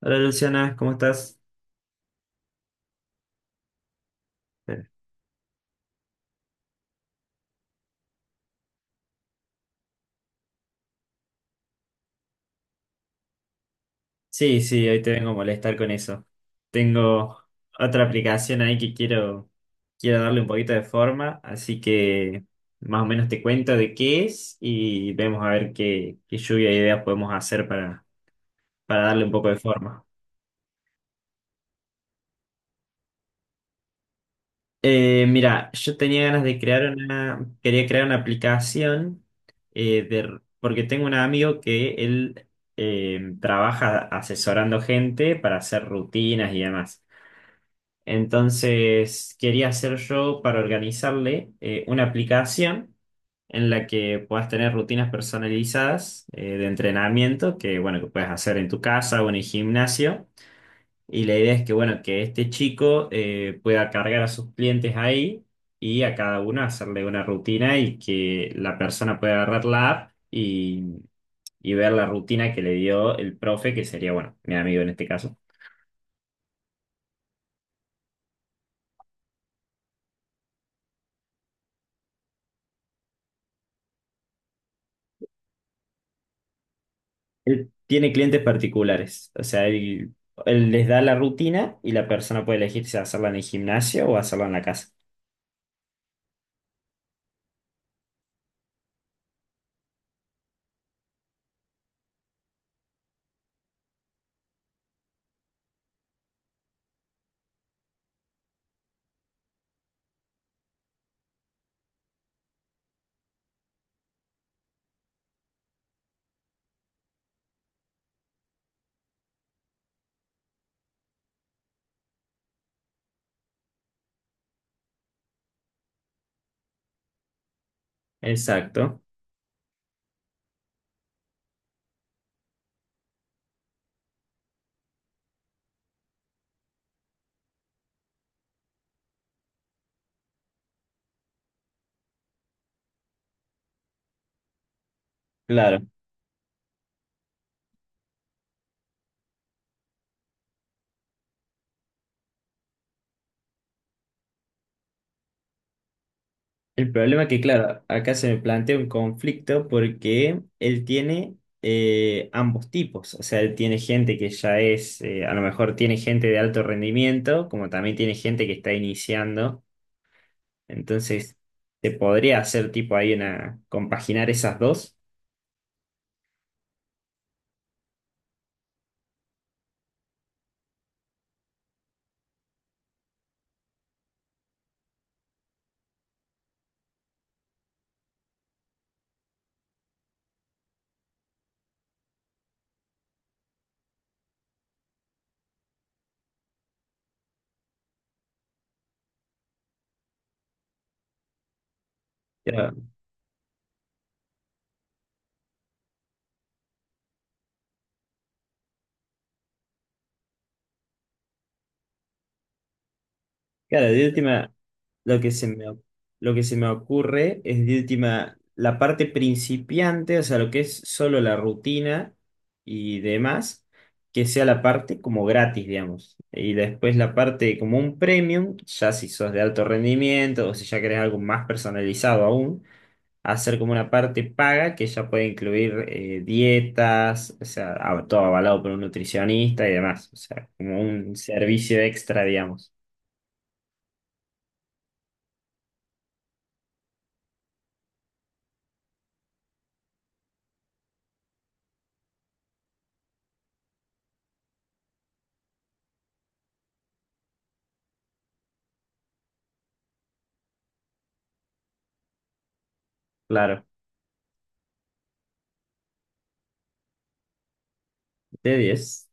Hola Luciana, ¿cómo estás? Eh, Sí, sí, hoy te vengo a molestar con eso. Tengo otra aplicación ahí que quiero darle un poquito de forma, así que más o menos te cuento de qué es y vemos a ver qué, qué lluvia de ideas podemos hacer para darle un poco de forma. Mira, yo tenía ganas de crear una, quería crear una aplicación porque tengo un amigo que él trabaja asesorando gente para hacer rutinas y demás. Entonces, quería hacer yo para organizarle una aplicación en la que puedas tener rutinas personalizadas de entrenamiento que, bueno, que puedes hacer en tu casa o en el gimnasio. Y la idea es que, bueno, que este chico pueda cargar a sus clientes ahí y a cada uno hacerle una rutina y que la persona pueda agarrar la app y ver la rutina que le dio el profe, que sería, bueno, mi amigo en este caso. Él tiene clientes particulares, o sea, él les da la rutina y la persona puede elegir si hacerla en el gimnasio o hacerla en la casa. Exacto, claro. El problema es que, claro, acá se me plantea un conflicto porque él tiene ambos tipos, o sea, él tiene gente que ya es, a lo mejor tiene gente de alto rendimiento, como también tiene gente que está iniciando, entonces se podría hacer tipo ahí una, compaginar esas dos. Claro, de última, lo que se me, o- lo que se me ocurre es de última la parte principiante, o sea, lo que es solo la rutina y demás, que sea la parte como gratis, digamos. Y después la parte como un premium, ya si sos de alto rendimiento o si ya querés algo más personalizado aún, hacer como una parte paga que ya puede incluir dietas, o sea, todo avalado por un nutricionista y demás, o sea, como un servicio extra, digamos. Claro. De diez.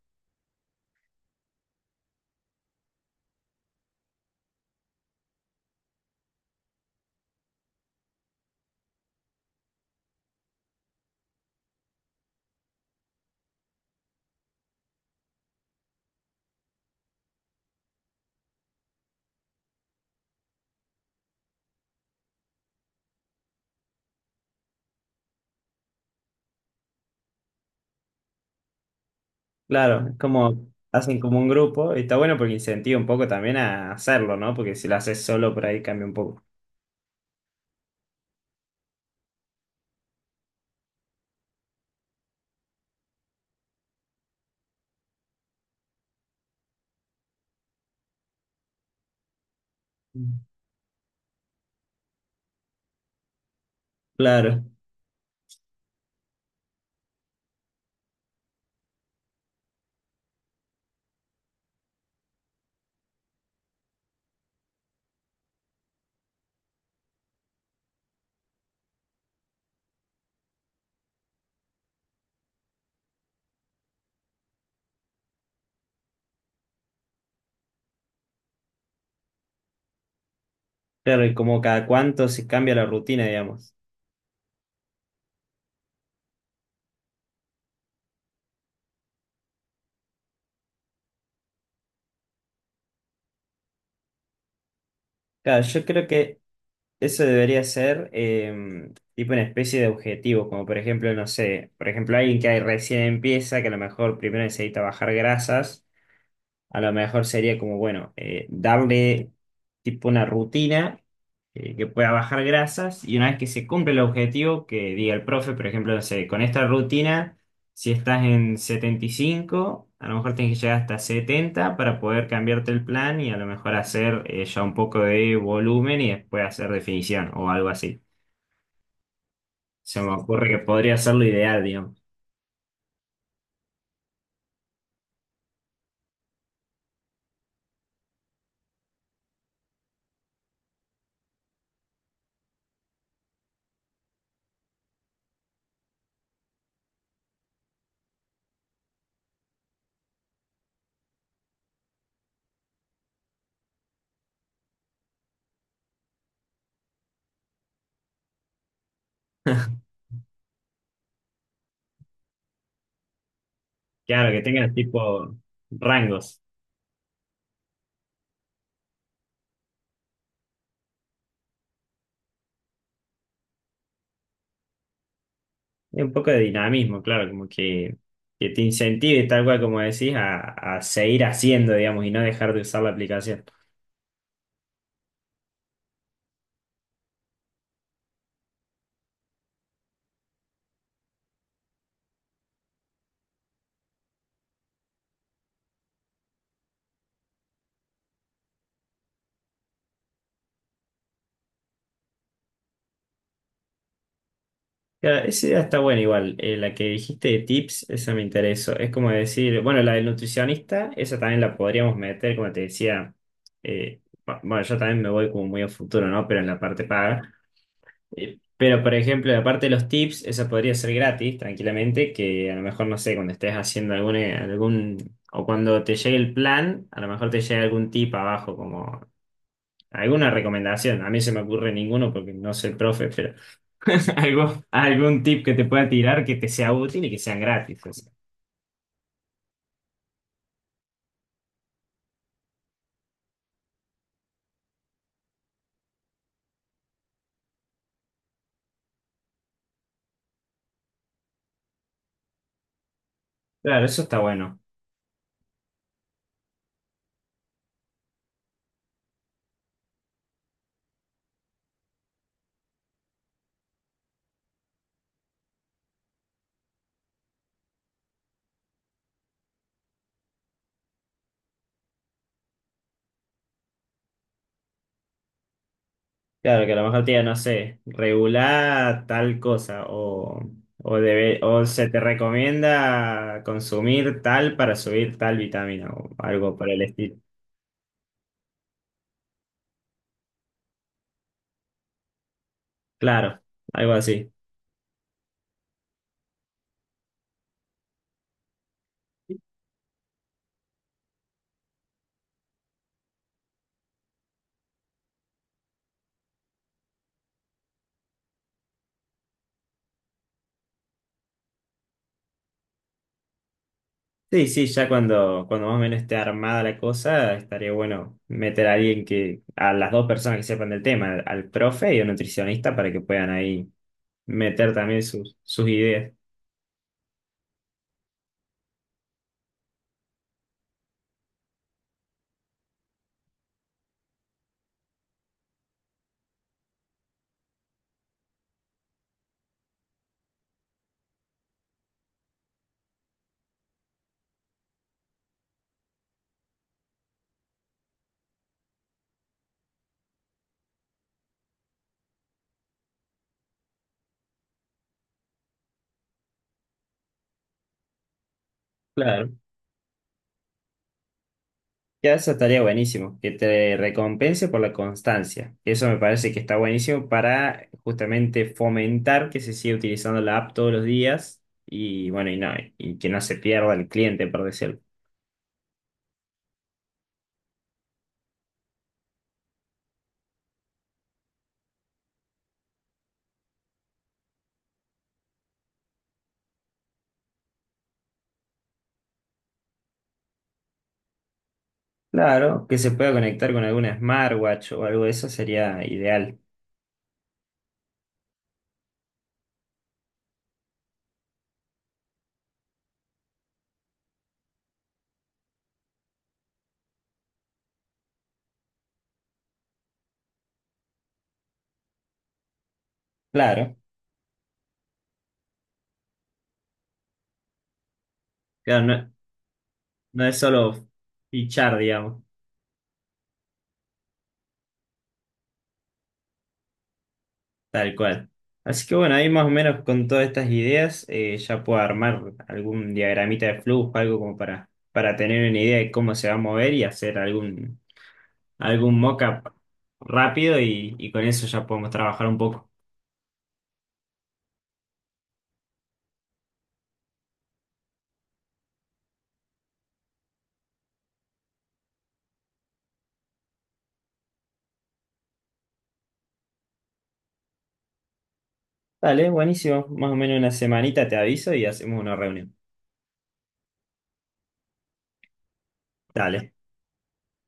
Claro, es como hacen como un grupo y está bueno porque incentiva un poco también a hacerlo, ¿no? Porque si lo haces solo por ahí cambia un poco. Mm. Claro, claro, y como cada cuánto se cambia la rutina, digamos. Claro, yo creo que eso debería ser tipo una especie de objetivo, como por ejemplo, no sé, por ejemplo, alguien que ahí recién empieza, que a lo mejor primero necesita bajar grasas. A lo mejor sería como, bueno, darle tipo una rutina que pueda bajar grasas y una vez que se cumple el objetivo, que diga el profe, por ejemplo, no sé, con esta rutina, si estás en 75 a lo mejor tienes que llegar hasta 70 para poder cambiarte el plan y a lo mejor hacer ya un poco de volumen y después hacer definición o algo así. Se me ocurre que podría ser lo ideal, digamos. Claro, que tengas tipo rangos. Y un poco de dinamismo, claro, como que te incentive, tal cual como decís, a seguir haciendo, digamos, y no dejar de usar la aplicación. Claro, esa idea está buena igual. La que dijiste de tips, esa me interesó. Es como decir, bueno, la del nutricionista, esa también la podríamos meter, como te decía, eh, bueno, yo también me voy como muy a futuro, ¿no? Pero en la parte paga. Pero, por ejemplo, aparte de los tips, eso podría ser gratis, tranquilamente, que a lo mejor, no sé, cuando estés haciendo o cuando te llegue el plan, a lo mejor te llegue algún tip abajo, como alguna recomendación. A mí se me ocurre ninguno porque no soy profe, pero algo, algún tip que te pueda tirar que te sea útil y que sean gratis. O sea. Claro, eso está bueno. Claro, que a lo mejor te diga, no sé, regular tal cosa o se te recomienda consumir tal para subir tal vitamina o algo por el estilo. Claro, algo así. Sí, sí, ya cuando más o menos esté armada la cosa, estaría bueno meter a alguien que, a las dos personas que sepan del tema, al profe y al nutricionista para que puedan ahí meter también sus, sus ideas. Claro. Ya eso estaría buenísimo, que te recompense por la constancia. Eso me parece que está buenísimo para justamente fomentar que se siga utilizando la app todos los días y bueno, y no, y que no se pierda el cliente, por decirlo. Claro, que se pueda conectar con alguna smartwatch o algo de eso sería ideal. Claro, claro, no es solo fichar, digamos. Tal cual. Así que bueno, ahí más o menos con todas estas ideas ya puedo armar algún diagramita de flujo, algo como para tener una idea de cómo se va a mover y hacer algún mock-up rápido y con eso ya podemos trabajar un poco. Dale, buenísimo. Más o menos una semanita te aviso y hacemos una reunión. Dale,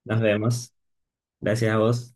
nos vemos. Gracias a vos.